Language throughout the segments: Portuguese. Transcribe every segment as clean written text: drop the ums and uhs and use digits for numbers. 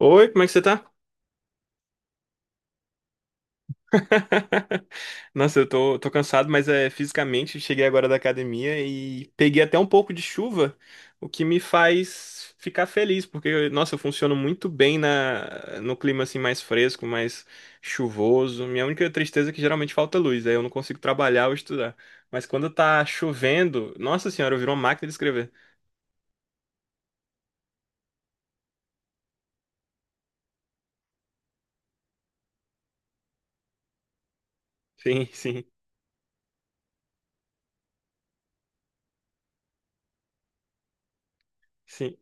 Oi, como é que você tá? Nossa, eu tô cansado, mas é fisicamente cheguei agora da academia e peguei até um pouco de chuva, o que me faz ficar feliz, porque, nossa, eu funciono muito bem no clima assim mais fresco, mais chuvoso. Minha única tristeza é que geralmente falta luz, aí eu não consigo trabalhar ou estudar. Mas quando tá chovendo, nossa senhora, eu viro uma máquina de escrever. Sim, sim, sim.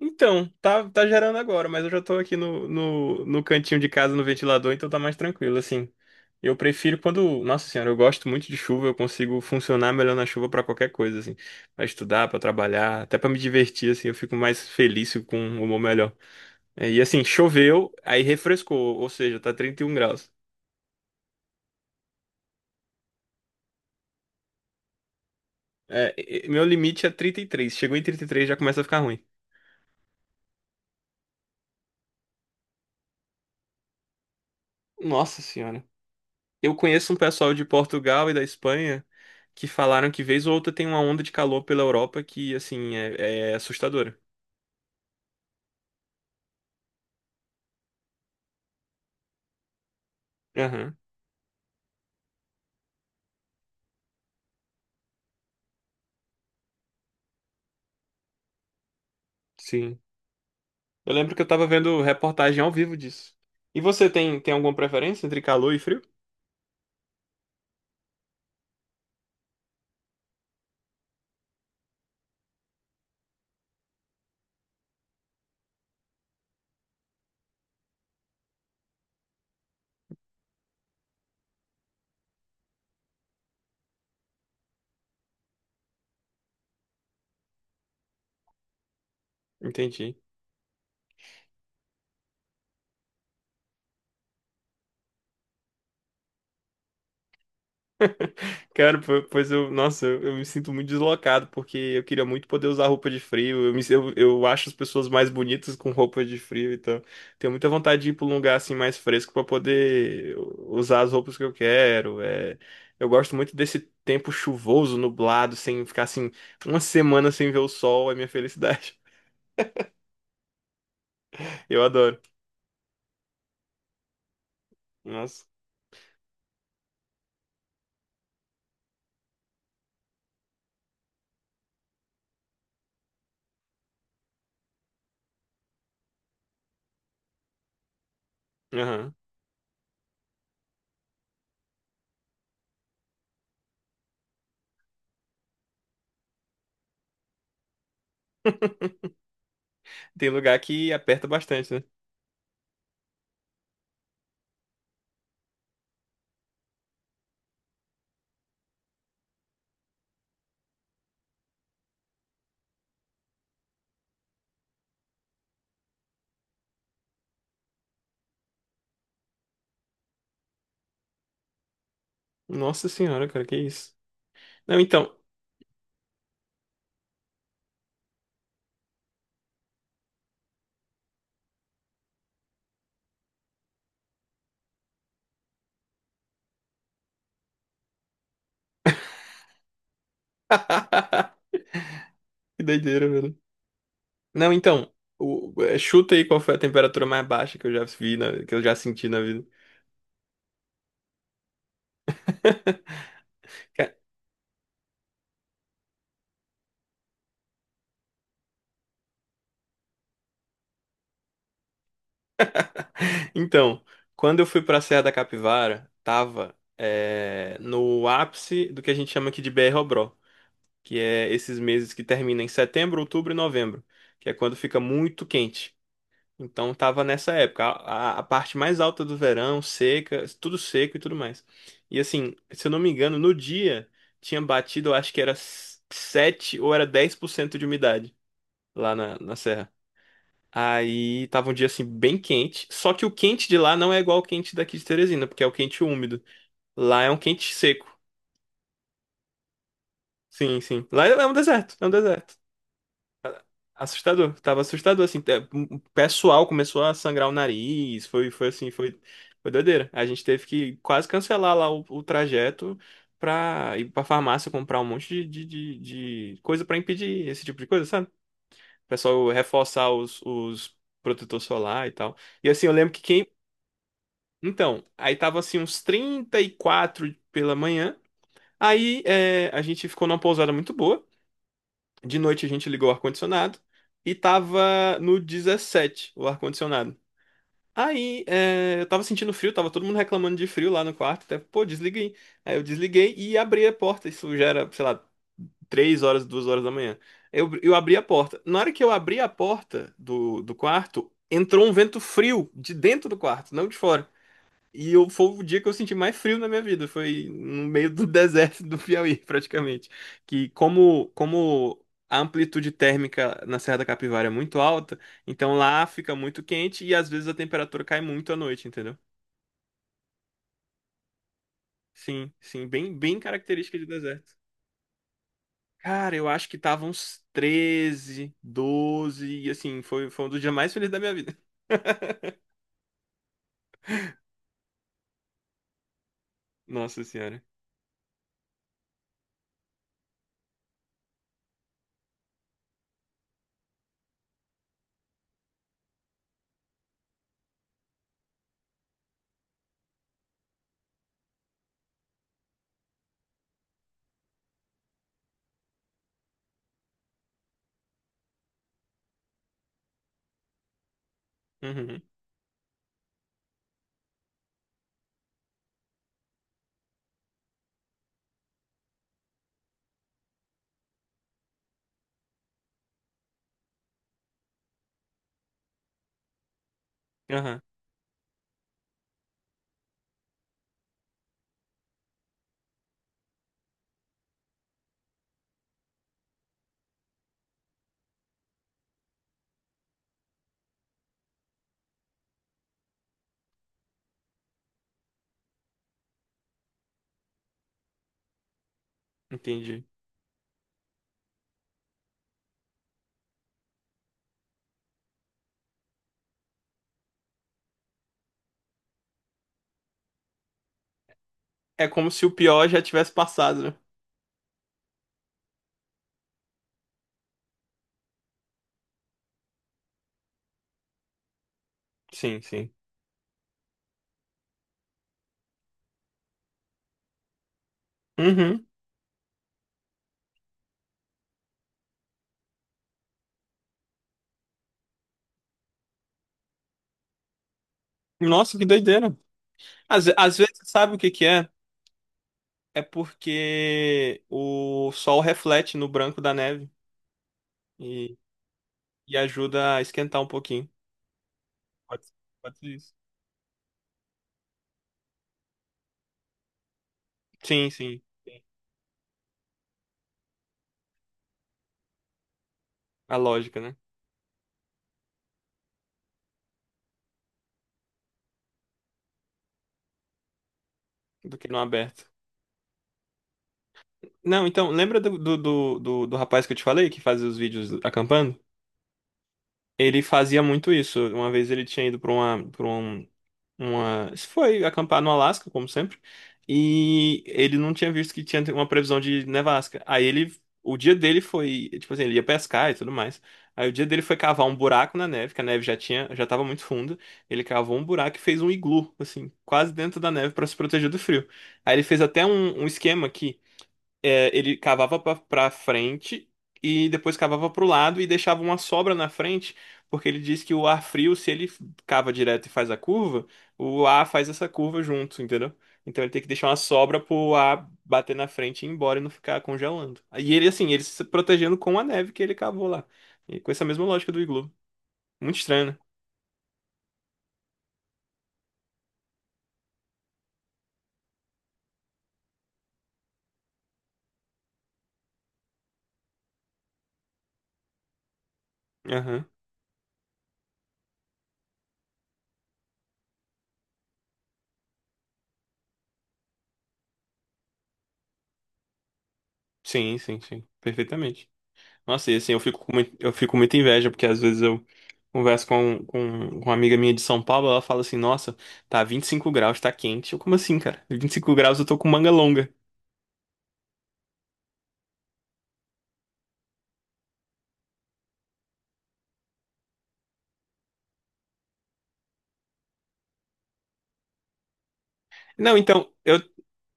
Então, tá gerando agora, mas eu já tô aqui no cantinho de casa, no ventilador, então tá mais tranquilo, assim. Eu prefiro quando. Nossa senhora, eu gosto muito de chuva, eu consigo funcionar melhor na chuva pra qualquer coisa, assim. Pra estudar, pra trabalhar, até pra me divertir, assim, eu fico mais feliz fico com um humor melhor. E assim, choveu, aí refrescou, ou seja, tá 31 graus. É, meu limite é 33. Chegou em 33 já começa a ficar ruim. Nossa senhora. Eu conheço um pessoal de Portugal e da Espanha que falaram que vez ou outra tem uma onda de calor pela Europa que, assim, é assustadora. Aham, sim. Eu lembro que eu tava vendo reportagem ao vivo disso. E você tem, tem alguma preferência entre calor e frio? Entendi. Cara, pois eu, nossa, eu me sinto muito deslocado, porque eu queria muito poder usar roupa de frio. Eu acho as pessoas mais bonitas com roupa de frio, então tenho muita vontade de ir para um lugar assim mais fresco para poder usar as roupas que eu quero. É, eu gosto muito desse tempo chuvoso, nublado, sem ficar assim uma semana sem ver o sol, é minha felicidade. Eu adoro. Nossa. Aham. Tem lugar que aperta bastante, né? Nossa senhora, cara, que isso? Não, então. Que doideira, velho. Não, então, chuta aí qual foi a temperatura mais baixa que eu já vi, que eu já senti na vida. Então, quando eu fui pra Serra da Capivara, tava no ápice do que a gente chama aqui de BR-Obró, que é esses meses que terminam em setembro, outubro e novembro, que é quando fica muito quente. Então, tava nessa época, a parte mais alta do verão, seca, tudo seco e tudo mais. E assim, se eu não me engano, no dia tinha batido, eu acho que era 7 ou era 10% de umidade. Lá na serra. Aí tava um dia assim bem quente, só que o quente de lá não é igual ao quente daqui de Teresina, porque é o quente úmido. Lá é um quente seco. Sim, sim. Lá é um deserto, é um deserto. Assustador, tava assustador assim. O pessoal começou a sangrar o nariz, foi assim, foi doideira. A gente teve que quase cancelar lá o trajeto pra ir pra farmácia comprar um monte de coisa pra impedir esse tipo de coisa, sabe? O pessoal reforçar os protetor solar e tal. E assim, eu lembro que quem. Então, aí tava assim uns 34 pela manhã. Aí é, a gente ficou numa pousada muito boa. De noite a gente ligou o ar-condicionado e tava no 17 o ar-condicionado. Aí é, eu tava sentindo frio, tava todo mundo reclamando de frio lá no quarto. Até, pô, desliguei. Aí eu desliguei e abri a porta. Isso já era, sei lá, 3 horas, 2 horas da manhã. Eu abri a porta. Na hora que eu abri a porta do quarto, entrou um vento frio de dentro do quarto, não de fora. E eu, foi o dia que eu senti mais frio na minha vida. Foi no meio do deserto do Piauí, praticamente. Que como a amplitude térmica na Serra da Capivara é muito alta, então lá fica muito quente e às vezes a temperatura cai muito à noite, entendeu? Sim, sim, bem, bem característica de deserto. Cara, eu acho que tava uns 13 12 e assim, foi um dos dias mais felizes da minha vida. Nossa senhora. Uhum. Aham, entendi. É como se o pior já tivesse passado, né? Sim, sim. Uhum. Nossa, que doideira. Às vezes, sabe o que que é? É porque o sol reflete no branco da neve e, e ajuda a esquentar um pouquinho. Pode, ser- pode ser isso. Sim, sim. A lógica, né? Do que não aberto. Não, então, lembra do rapaz que eu te falei que fazia os vídeos acampando? Ele fazia muito isso. Uma vez ele tinha ido para para uma. Se foi acampar no Alasca, como sempre. E ele não tinha visto que tinha uma previsão de nevasca. Aí ele. O dia dele foi. Tipo assim, ele ia pescar e tudo mais. Aí o dia dele foi cavar um buraco na neve, que a neve já tinha, já tava muito funda. Ele cavou um buraco e fez um iglu, assim, quase dentro da neve para se proteger do frio. Aí ele fez até um esquema aqui é, ele cavava pra frente e depois cavava pro lado e deixava uma sobra na frente, porque ele diz que o ar frio, se ele cava direto e faz a curva, o ar faz essa curva junto, entendeu? Então ele tem que deixar uma sobra pro ar bater na frente e ir embora e não ficar congelando. E ele, assim, ele se protegendo com a neve que ele cavou lá. E com essa mesma lógica do iglu. Muito estranho, né? Aham. Sim, sim, sim. Perfeitamente. Nossa, e assim, eu fico com muito, eu fico com muita inveja, porque às vezes eu converso com uma amiga minha de São Paulo, ela fala assim, nossa, tá 25 graus, tá quente. Eu, como assim, cara? 25 graus eu tô com manga longa. Não, então,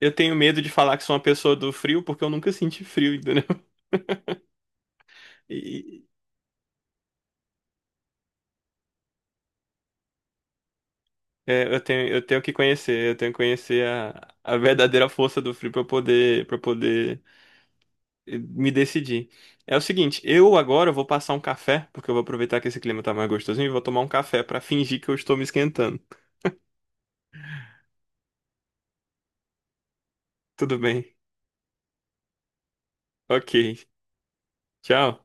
eu tenho medo de falar que sou uma pessoa do frio, porque eu nunca senti frio, entendeu? E é, eu tenho que conhecer, eu tenho que conhecer a verdadeira força do frio pra eu poder, para poder me decidir. É o seguinte, eu agora vou passar um café, porque eu vou aproveitar que esse clima tá mais gostosinho e vou tomar um café pra fingir que eu estou me esquentando. Tudo bem. Ok. Tchau.